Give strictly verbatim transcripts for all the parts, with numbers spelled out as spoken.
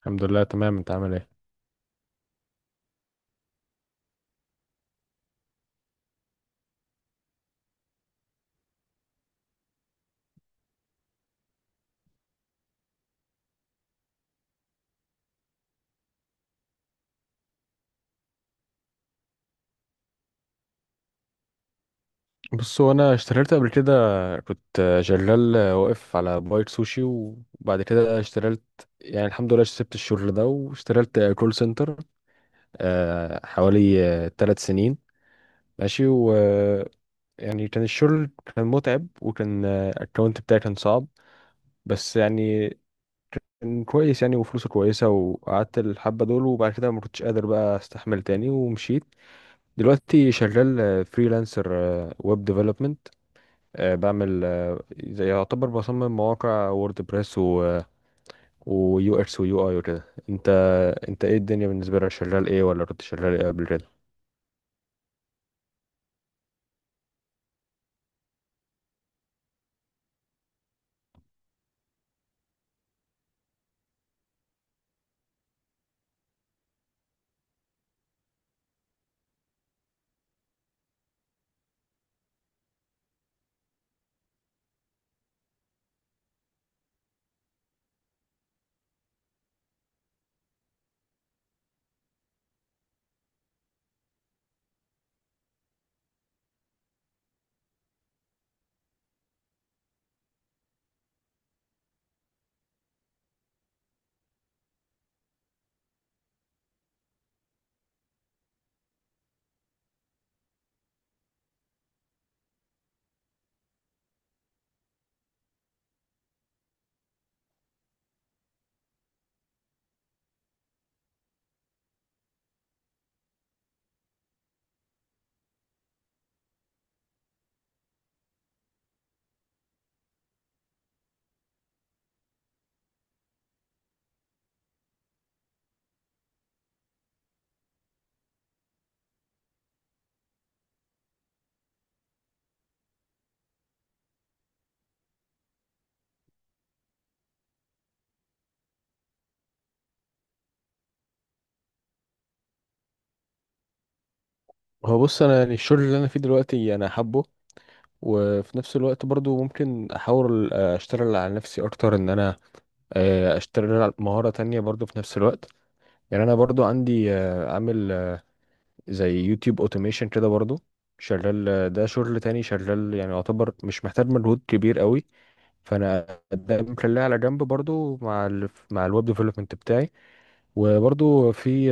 الحمد لله تمام. انت عامل ايه؟ بص، هو انا اشتغلت قبل كده، كنت شغال واقف على بايت سوشي وبعد كده اشتغلت، يعني الحمد لله سبت الشغل ده واشتغلت كول سنتر آه، حوالي ثلاث سنين. ماشي، و يعني كان الشغل كان متعب وكان الاكونت بتاعي كان صعب، بس يعني كان كويس يعني وفلوسه كويسة، وقعدت الحبة دول وبعد كده ما كنتش قادر بقى استحمل تاني ومشيت. دلوقتي شغال فريلانسر، ويب ديفلوبمنت. آه، بعمل آه، زي يعتبر بصمم مواقع ووردبريس و ويو اكس ويو اي وكده. انت انت ايه الدنيا بالنسبه لك؟ شغال ايه ولا كنت شغال ايه قبل كده؟ هو بص، انا يعني الشغل اللي انا فيه دلوقتي انا حابه، وفي نفس الوقت برضو ممكن احاول آه، اشتغل على نفسي اكتر، ان انا آه، اشتغل على مهارة تانية برضو في نفس الوقت. يعني انا برضو عندي آه، عامل آه، زي يوتيوب اوتوميشن كده برضو، شغال آه، ده شغل تاني، شغال يعني يعتبر مش محتاج مجهود كبير قوي، فانا ده مخليها على جنب برضو مع ال مع الويب ديفلوبمنت بتاعي. وبرضو في،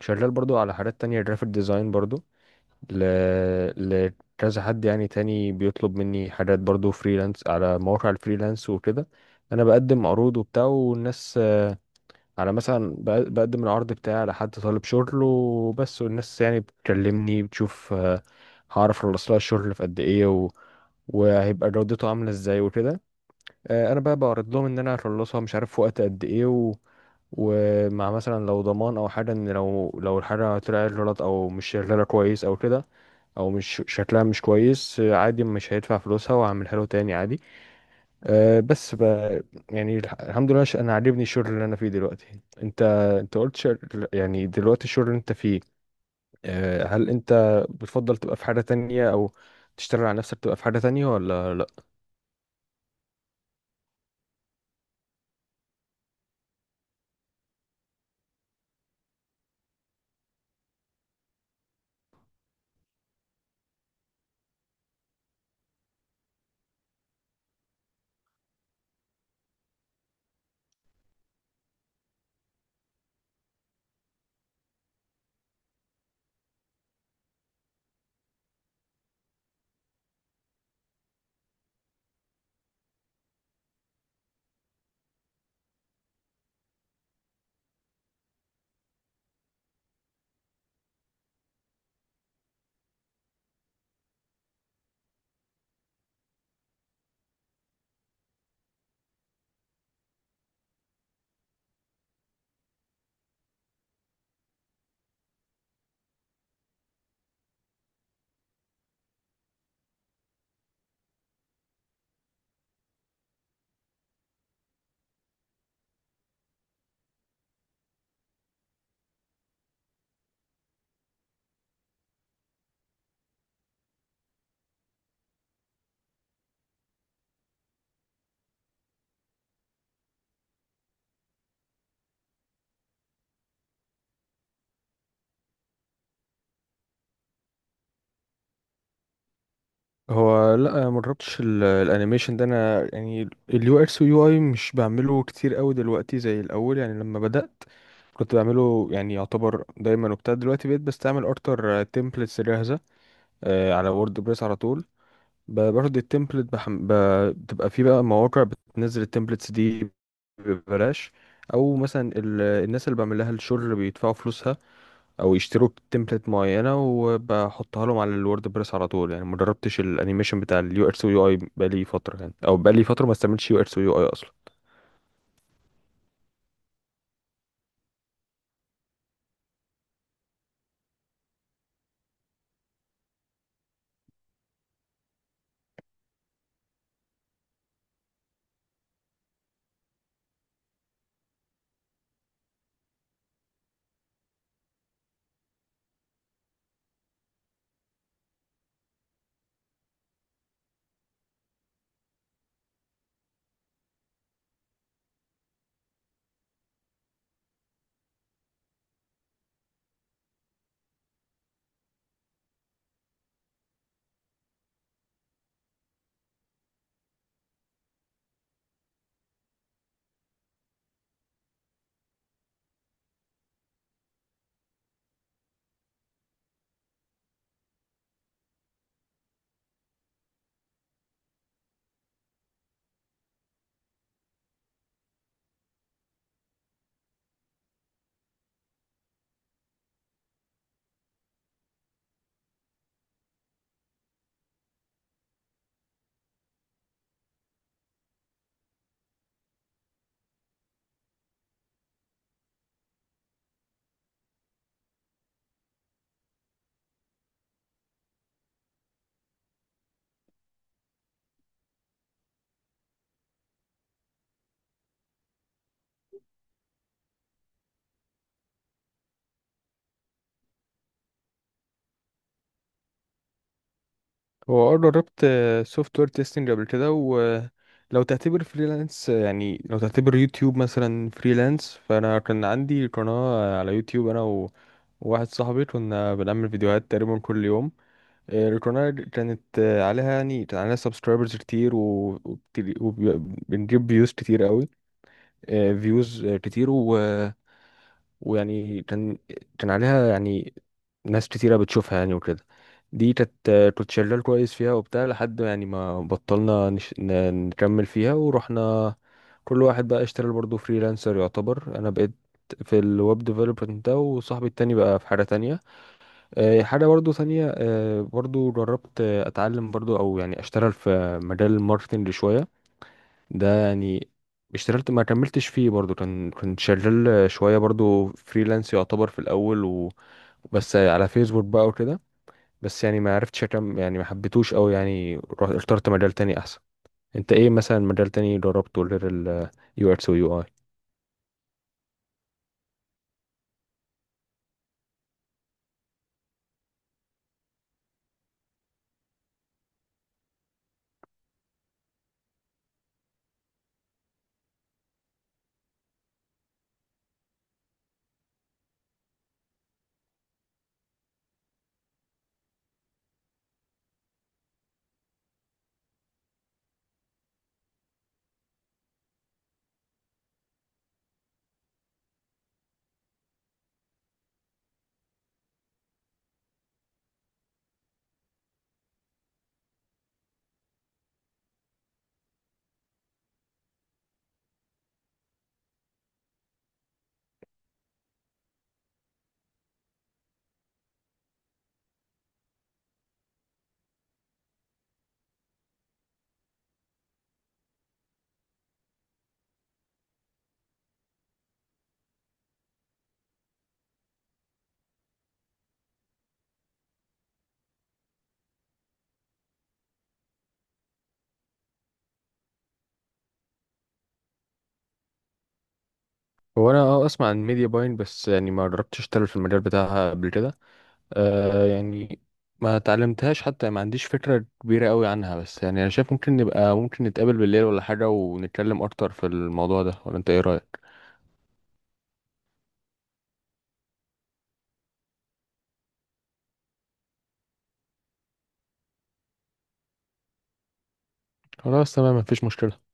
شغال برضو على حاجات تانية جرافيك ديزاين برضو. ل... لكذا حد يعني تاني بيطلب مني حاجات برضو فريلانس على مواقع الفريلانس وكده. انا بقدم عروض وبتاع، والناس آه، على مثلا بق- بقدم العرض بتاعي على حد طالب شغل وبس، والناس يعني بتكلمني بتشوف آه، هعرف اخلص لها الشغل في قد ايه و... وهيبقى جودته عاملة ازاي وكده. آه، انا بقى بعرض لهم ان انا هخلصها مش عارف في وقت قد ايه و... ومع مثلا لو ضمان او حاجه، ان لو لو الحاجه طلعت غلط او مش شغاله كويس او كده، او مش شكلها مش كويس، آه، عادي مش هيدفع فلوسها وهعملها له تاني عادي. أه بس ب... يعني الح- الحمد لله، ش- انا عاجبني الشغل اللي انا فيه دلوقتي. انت انت قلت شغل... يعني دلوقتي الشغل اللي انت فيه، أه، هل انت بتفضل تبقى في حاجه تانية، او تشتغل على نفسك تبقى في حاجه تانية ولا لا؟ هو لا، ما جربتش ال- الانيميشن ده. انا يعني اليو اكس واليو اي مش بعمله كتير قوي دلوقتي زي الاول، يعني لما بدأت كنت بعمله يعني يعتبر دايما وبتاع، دلوقتي بقيت بستعمل اكتر تمبلتس جاهزة آه، على ووردبريس على طول. ب- باخد التمبلت بحم... ب... بتبقى في بقى مواقع بتنزل التمبلتس دي ببلاش، او مثلا ال... الناس اللي بعمل لها الشغل بيدفعوا فلوسها او يشتروا تمبلت معينه وبحطها لهم على الورد بريس على طول. يعني ما جربتش الانيميشن بتاع اليو اكس ويو اي بقالي فتره، يعني او بقالي فتره ما استعملتش يو اكس ويو اي اصلا. هو اه، جربت سوفت وير تيستنج قبل كده. ولو تعتبر فريلانس، يعني لو تعتبر يوتيوب مثلا فريلانس، فانا كان عندي قناة على يوتيوب انا و- وواحد صاحبي، كنا بنعمل فيديوهات تقريبا كل يوم. آه، القناة كانت آه، عليها يعني كان عليها سبسكرايبرز كتير و- وبتل- وبنجيب فيوز كتير قوي، فيوز كتير و... ويعني كان كان عليها يعني ناس كتيرة بتشوفها يعني وكده. دي كانت آه، كنت شغال كويس فيها وبتاع، لحد يعني ما بطلنا نش... ن- نكمل فيها ورحنا كل واحد بقى اشتغل برضه فريلانسر يعتبر. انا بقيت في الويب ديفلوبمنت ده، وصاحبي التاني بقى في حاجة تانية آه، حاجة برضه تانية. آه، برضه جربت آه، اتعلم برضه او يعني اشتغل في مجال الماركتنج شوية، ده يعني اشتغلت ما كملتش فيه برضو، كان كنت شغال شوية برضو فريلانس يعتبر في الأول و... بس على فيسبوك بقى وكده. بس يعني ما عرفتش أكمل، يعني ما حبيتوش أوي، يعني رحت- اخترت مجال تاني أحسن. أنت إيه مثلا مجال تاني جربته غير ال U X و U I؟ هو أنا أه أسمع عن ميديا باين، بس يعني ما جربتش أشتغل في المجال بتاعها قبل كده. آه يعني ما تعلمتهاش حتى، ما عنديش فكرة كبيرة قوي عنها. بس يعني انا شايف ممكن نبقى، ممكن نتقابل بالليل ولا حاجة ونتكلم اكتر في الموضوع ده، ولا انت ايه رأيك؟ خلاص تمام، مفيش مشكلة.